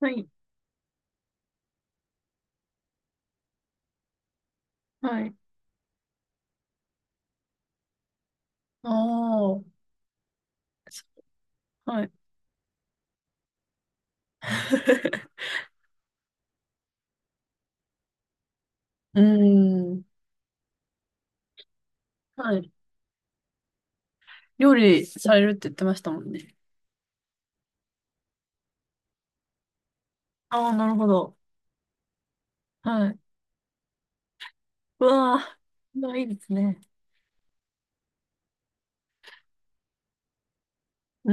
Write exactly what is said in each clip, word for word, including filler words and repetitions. はい。はい。ああ。はい。うーん。はい。料理されるって言ってましたもんね。ああ、なるほど。はい。うわあ、まあいいですね。うー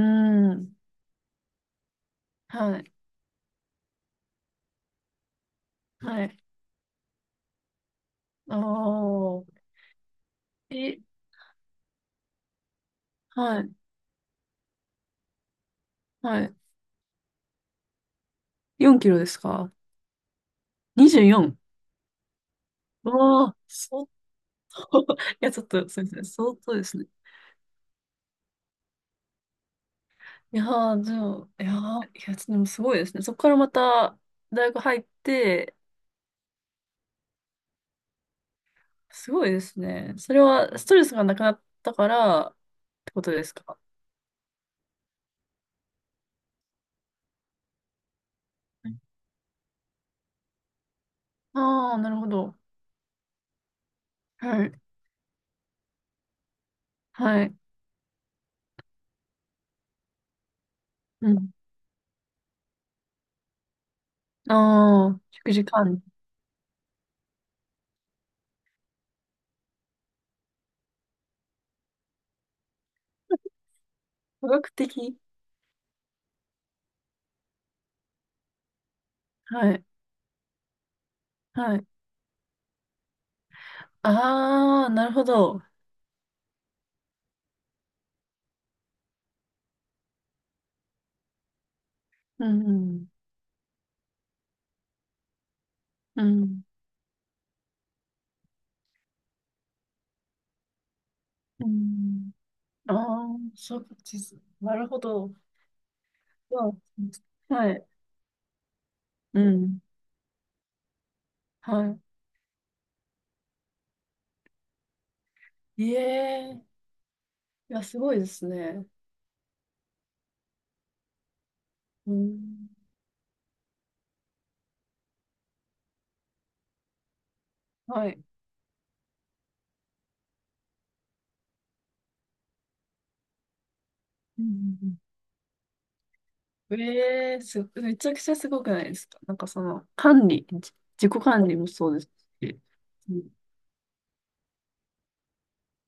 ん。はい。はい。ああ。え、はい。はい。よんキロですか？ にじゅうよん？ うよんうわあ、相当。いや、ちょっと、そうですね。相当ですね。いやー、じゃあ、いやー、いや、でもすごいですね。そこからまた、大学入って、すごいですね。それはストレスがなくなったからってことですか？ああー、なるほど。はい。はい。うん。ああ、食事管理。科学的。はい。はい。ああ、なるほど。うん。うん。うん。ああー、そうです。なるほど。うんはい。うん。はい。いえー。いや、すごいですね。うん。はい。うん。ええす、めちゃくちゃすごくないですか？なんかその、管理、じ自己管理もそうですし。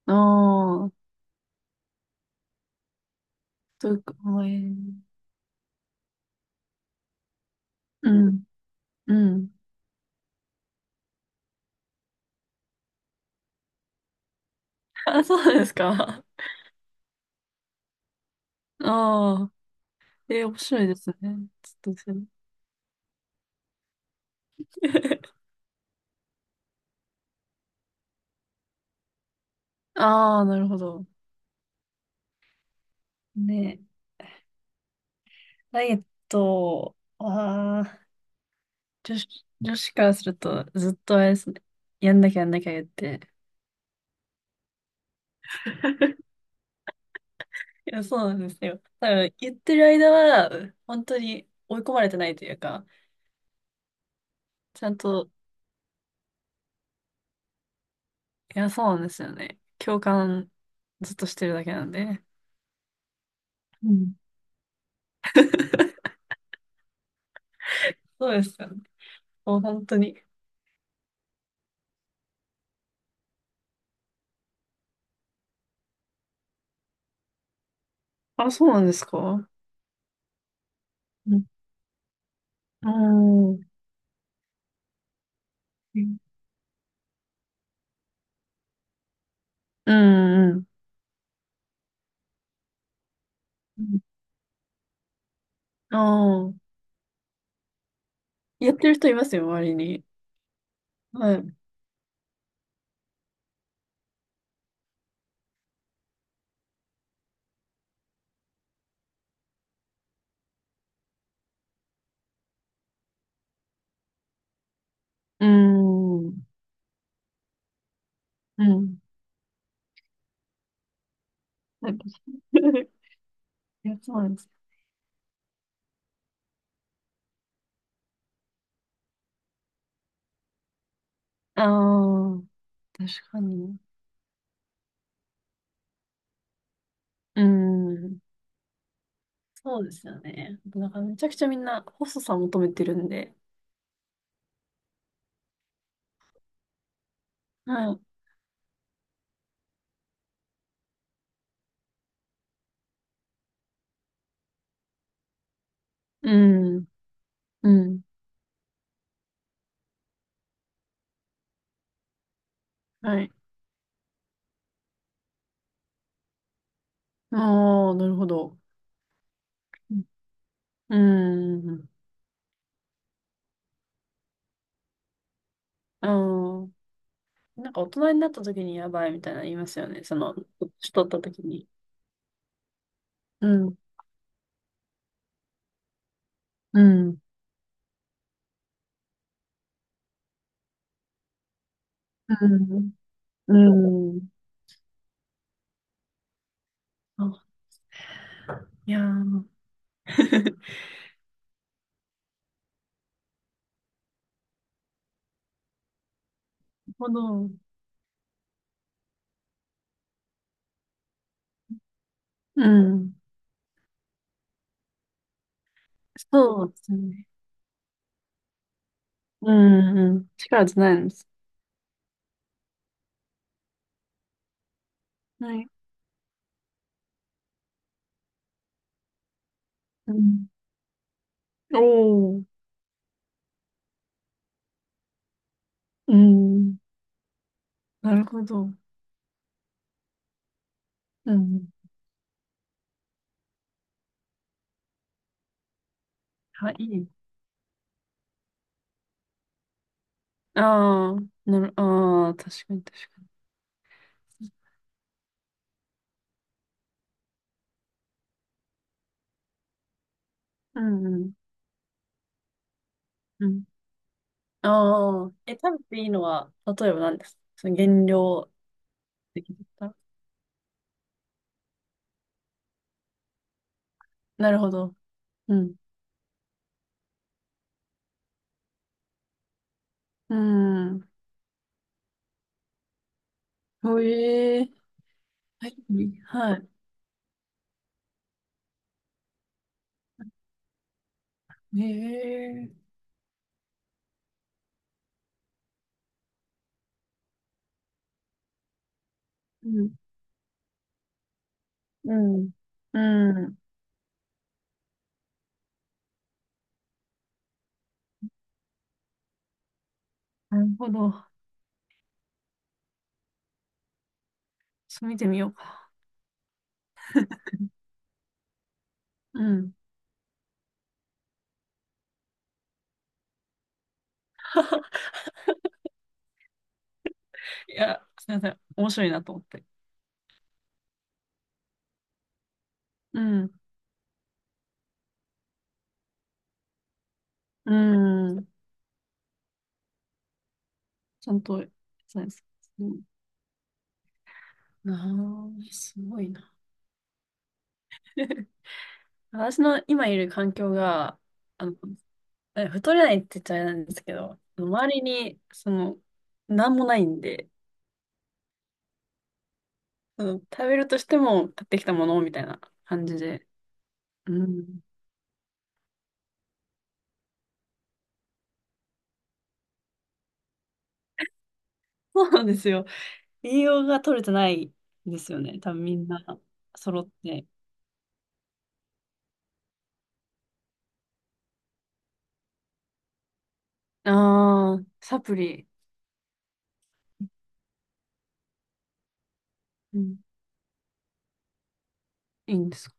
ああー、というか、ええうん、うん。あ、そうなんですか？ああ、ええ面白いですね。ちょっとそれ ああ、なるほど。ね、ダイエットは、女子、女子からするとずっとあれですね。やんなきゃやんなきゃ言って。いや、そうなんですよ。だから言ってる間は、本当に追い込まれてないというか、ちゃんと、いや、そうなんですよね。共感ずっとしてるだけなんで。うん。そうですよね。もう本当に。あ、そうなんですか？うん。うん。うんうん。ああ。やってる人いますよ、周りに。はい。うん。うん。なんか いや、そうなんです。ああ、確かに。うん。そうですよね。なんかめちゃくちゃみんな細さ求めてるんで。はい。うん。うん。はい。ああ、なるほど。うん。うんああ。なんか大人になった時にやばいみたいなの言いますよね。その、年取った時に。うん。うん。うん。うん。あ、いやー。なるほど。うん。そうですね。うん。うん。力じゃないんです。はい。うん。おー。うん。なるほど。うん。はい。ああ、なる、ああ、確かに確かに。うんうんうん。ああ、え、食べていいのは、例えば何ですか？その減量的だったらなるほど。うん。うん。へえ。はい。はい。へえ。うん。うん。うん。なるほど。そう見てみようか。うん。いや、すみません。面白いなと思って。うん。うん。ちゃんと、そうです。うん。ああ、すごいな。私の今いる環境が、あの、え太れないって言っちゃあれなんですけど、周りに、その、なんもないんで、その食べるとしても買ってきたものみたいな感じで。うん。そうなんですよ。栄養が取れてないんですよね。多分みんな揃って。ああ、サプリ、うん、いいんですか？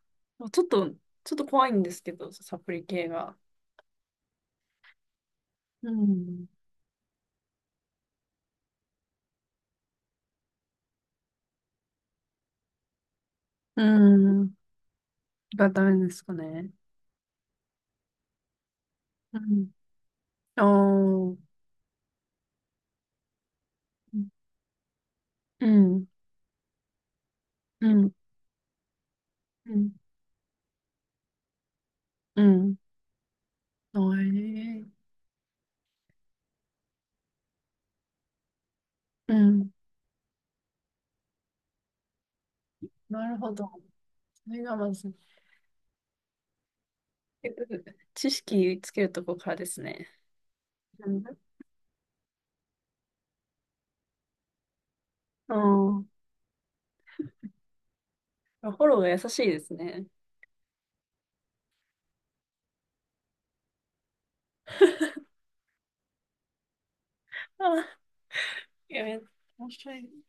ちょっと、ちょっと怖いんですけど、サプリ系が。うん。うん。がダメですかね。うん。ああ。うん、うん、うん、うん。うんえーうん。なるほど。それがまず、結局知識つけるとこからですね。うん。うんフォローが優しいですね。あ、いや、め面白い。